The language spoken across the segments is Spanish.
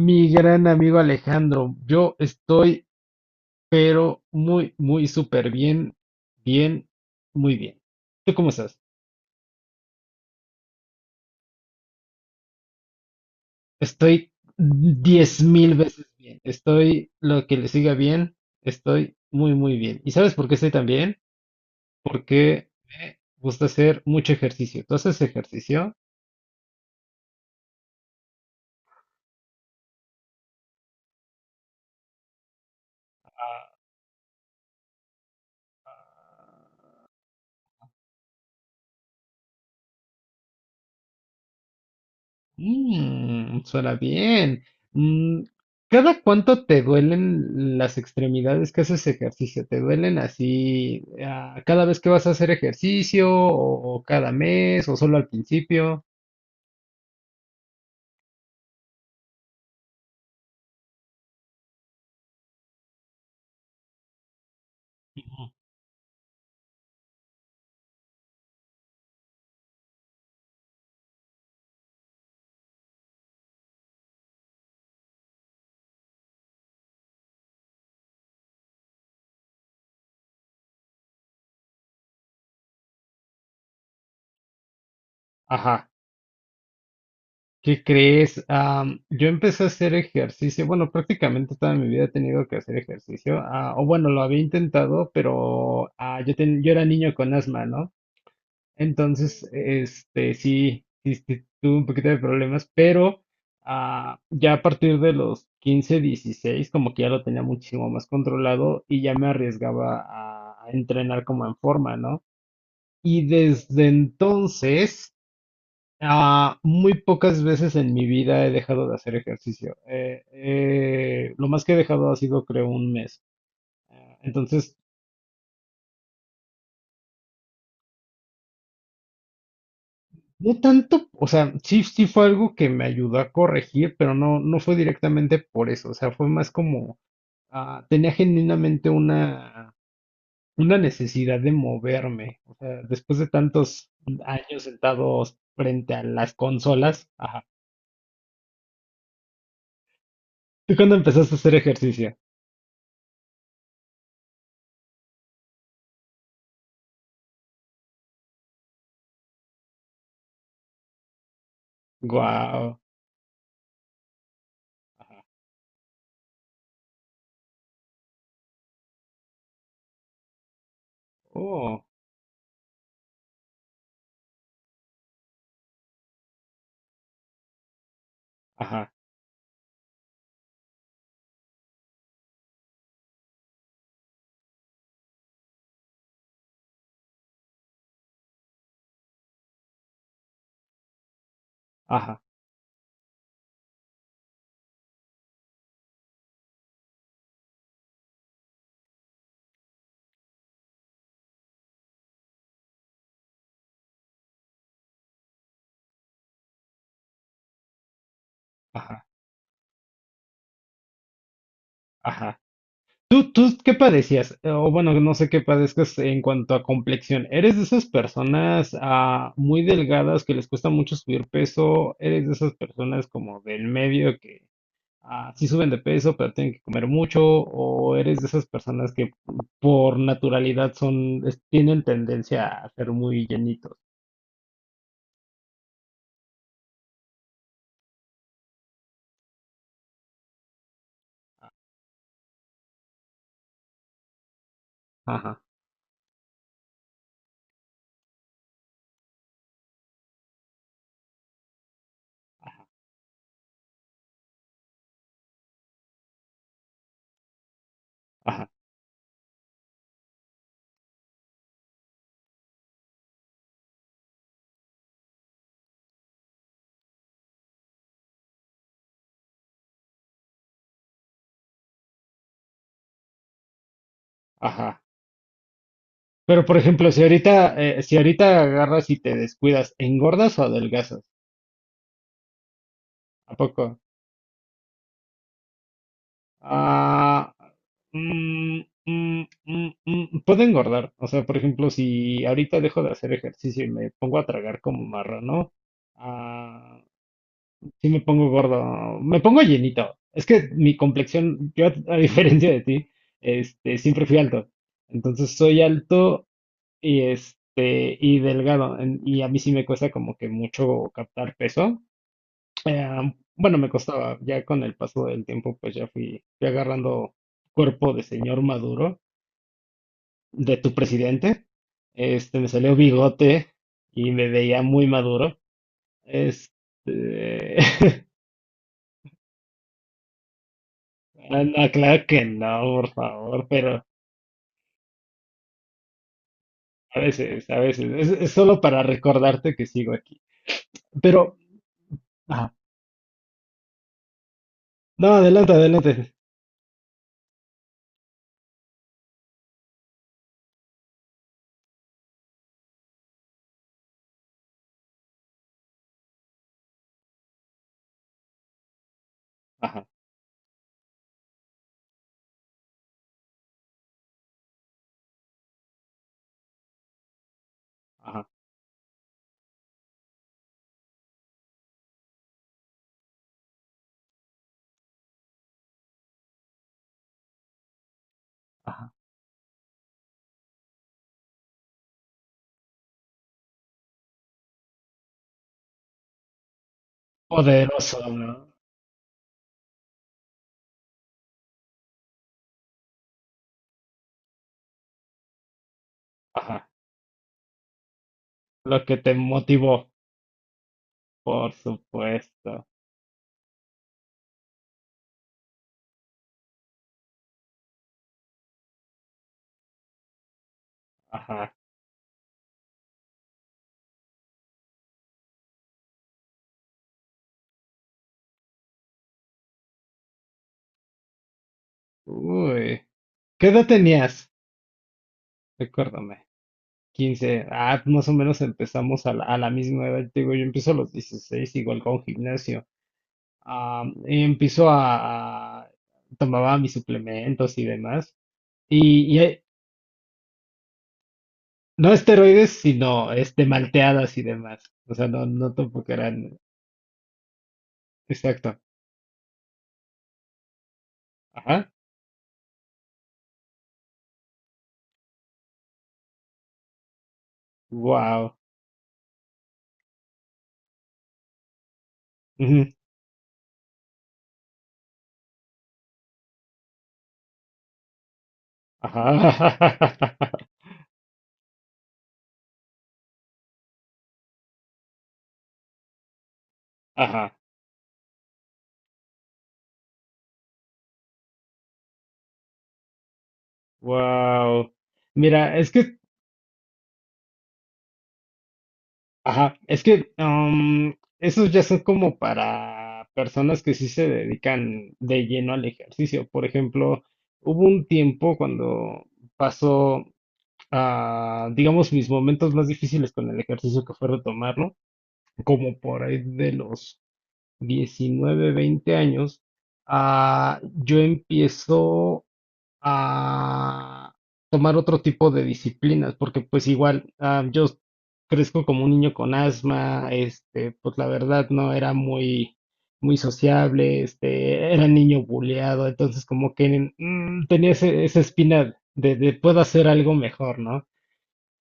Mi gran amigo Alejandro, yo estoy, pero muy, muy súper bien, bien, muy bien. ¿Tú cómo estás? Estoy diez mil veces bien. Estoy lo que le siga bien. Estoy muy, muy bien. ¿Y sabes por qué estoy tan bien? Porque me gusta hacer mucho ejercicio. ¿Tú haces ejercicio? Suena bien. Mm, ¿Cada cuánto te duelen las extremidades que haces ejercicio? ¿Te duelen así, cada vez que vas a hacer ejercicio o cada mes o solo al principio? Ajá. ¿Qué crees? Yo empecé a hacer ejercicio, bueno, prácticamente toda mi vida he tenido que hacer ejercicio, o bueno, lo había intentado, pero yo, yo era niño con asma, ¿no? Entonces, este, sí, tuve un poquito de problemas, pero ya a partir de los 15, 16, como que ya lo tenía muchísimo más controlado y ya me arriesgaba a entrenar como en forma, ¿no? Y desde entonces, muy pocas veces en mi vida he dejado de hacer ejercicio. Lo más que he dejado ha sido, creo, un mes. Entonces, no tanto, o sea, sí fue algo que me ayudó a corregir, pero no fue directamente por eso, o sea, fue más como, tenía genuinamente una necesidad de moverme, o sea, después de tantos años sentados frente a las consolas, ajá. ¿Tú cuándo empezaste a hacer ejercicio? Guau, oh, ajá, ajá, ajá, ajá. ¿¿Tú qué padecías? O bueno, no sé qué padezcas en cuanto a complexión. ¿Eres de esas personas muy delgadas que les cuesta mucho subir peso? ¿Eres de esas personas como del medio que sí suben de peso pero tienen que comer mucho? ¿O eres de esas personas que por naturalidad son, tienen tendencia a ser muy llenitos? Ajá, ajá, ajá. Pero por ejemplo, si ahorita agarras y te descuidas, ¿engordas o adelgazas? ¿A poco? Ah, mm, puedo engordar. O sea, por ejemplo, si ahorita dejo de hacer ejercicio y me pongo a tragar como marrano, ah, sí me pongo gordo, me pongo llenito. Es que mi complexión, yo a diferencia de ti, este, siempre fui alto. Entonces soy alto y este, y delgado. Y a mí sí me cuesta como que mucho captar peso. Eh, bueno, me costaba, ya con el paso del tiempo, pues ya fui agarrando cuerpo de señor Maduro, de tu presidente. Este, me salió bigote y me veía muy maduro. Este, no, claro que no, por favor, pero a veces, es solo para recordarte que sigo aquí. Pero, ajá, no, adelante, adelante. Ajá, ajá, ajá. Poderoso, ¿no? Ajá, lo que te motivó, por supuesto. Ajá. Uy, ¿qué edad tenías? Recuérdame, quince. Ah, más o menos empezamos a la misma edad. Te digo, yo empiezo a los 16 igual con gimnasio. Ah, y tomaba mis suplementos y demás. Y, y hay- no esteroides, sino este, malteadas y demás. O sea, no tampoco eran. Exacto. Ajá. Wow. Ajá. Ajá. Wow. Mira, es que ajá, es que esos ya son como para personas que sí se dedican de lleno al ejercicio. Por ejemplo, hubo un tiempo cuando pasó, digamos, mis momentos más difíciles con el ejercicio que fue retomarlo, como por ahí de los 19, 20 años, ah, yo empiezo a tomar otro tipo de disciplinas, porque pues igual yo crezco como un niño con asma, este, pues la verdad no era muy, muy sociable, este, era niño buleado, entonces como que tenía esa espina de puedo hacer algo mejor, ¿no?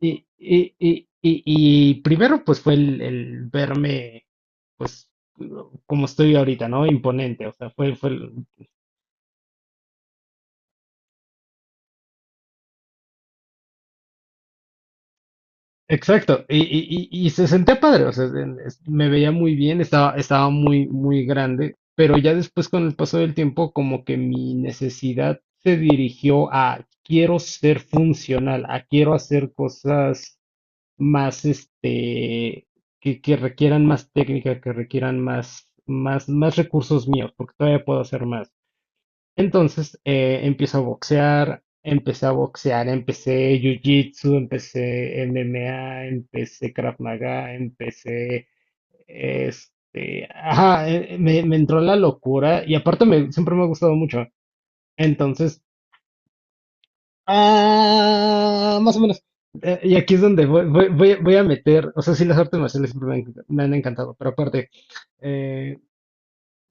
Y primero pues fue el verme, pues, como estoy ahorita, ¿no? Imponente, o sea, fue exacto, y se sentía padre, o sea, me veía muy bien, estaba muy, muy grande, pero ya después con el paso del tiempo, como que mi necesidad se dirigió a quiero ser funcional, a quiero hacer cosas más, este, que requieran más técnica, que requieran más, más recursos míos, porque todavía puedo hacer más. Entonces empecé a boxear, empecé jiu-jitsu, empecé MMA, empecé Krav Maga, empecé este, me entró la locura y siempre me ha gustado mucho. Entonces, más o menos. Y aquí es donde voy a meter, o sea, sí, las artes marciales siempre me han encantado, pero aparte, eh,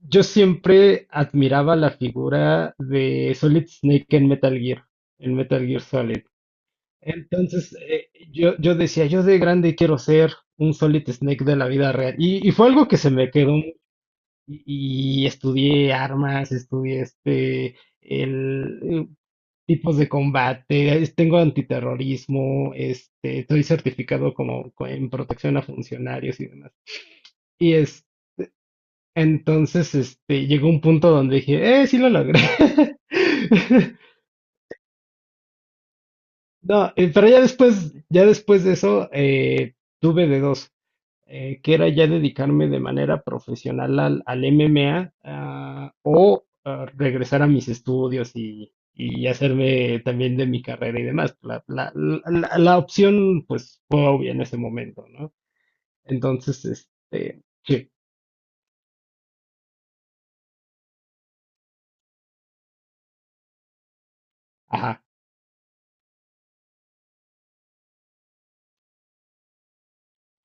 yo siempre admiraba la figura de Solid Snake en Metal Gear Solid. Entonces, yo decía, yo de grande quiero ser un Solid Snake de la vida real. Y fue algo que se me quedó y estudié armas, estudié este, tipos de combate, tengo antiterrorismo, este, estoy certificado como en protección a funcionarios y demás. Entonces, este, llegó un punto donde dije, sí lo logré. No, ya después de eso, tuve de dos, que era ya dedicarme de manera profesional al MMA, o regresar a mis estudios y hacerme también de mi carrera y demás. La opción, pues, fue obvia en ese momento, ¿no? Entonces, este, sí, ajá,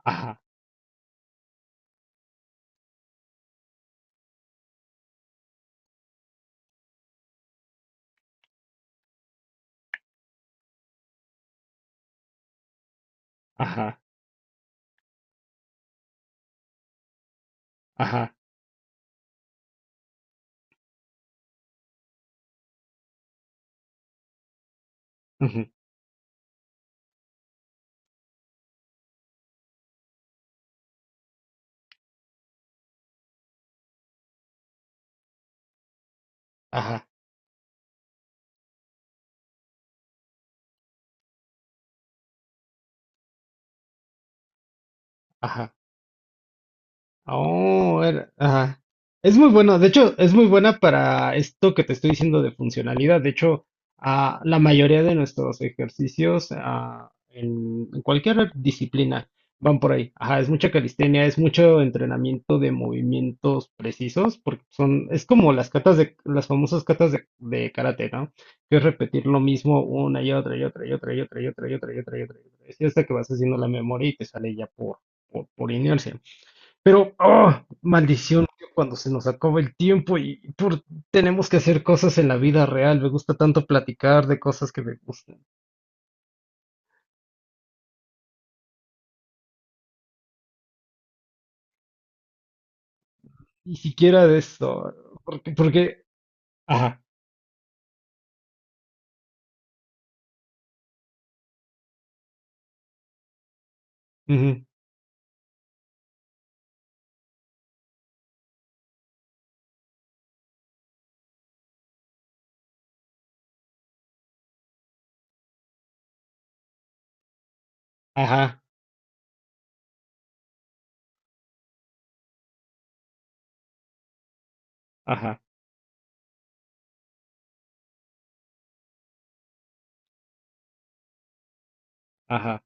ajá, ajá, ajá, ujú, ajá, ajá. Oh, ajá. Es muy bueno, de hecho, es muy buena para esto que te estoy diciendo de funcionalidad. De hecho, la mayoría de nuestros ejercicios en cualquier disciplina van por ahí. Ajá, es mucha calistenia, es mucho entrenamiento de movimientos precisos, porque son, es como las catas de, las famosas catas de karate, ¿no? Que es repetir lo mismo una y otra y otra y otra y otra y otra y otra y otra y otra y otra. Y hasta que vas haciendo la memoria y te sale ya por inercia. Pero, oh, maldición, tío, cuando se nos acaba el tiempo y tenemos que hacer cosas en la vida real. Me gusta tanto platicar de cosas que me gustan. Ni siquiera de esto, porque, ajá, ujú, ajá, ajá, ajá,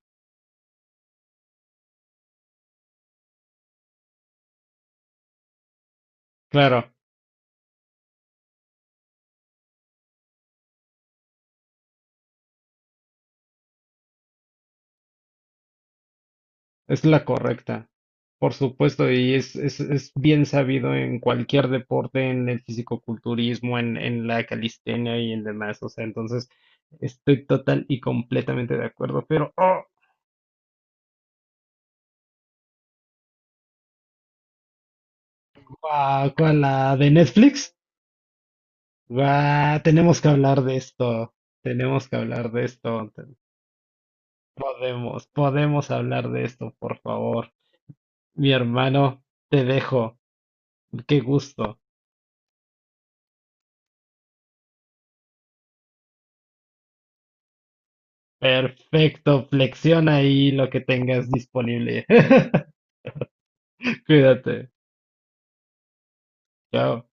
claro, es la correcta, por supuesto, y es bien sabido en cualquier deporte, en el fisicoculturismo, en la calistenia y en demás. O sea, entonces estoy total y completamente de acuerdo, pero, oh, guau, ¿cuál? ¿La de Netflix? Guau, tenemos que hablar de esto. Tenemos que hablar de esto. Podemos, podemos hablar de esto, por favor. Mi hermano, te dejo. Qué gusto. Perfecto. Flexiona ahí lo que tengas disponible. Cuídate. Chao.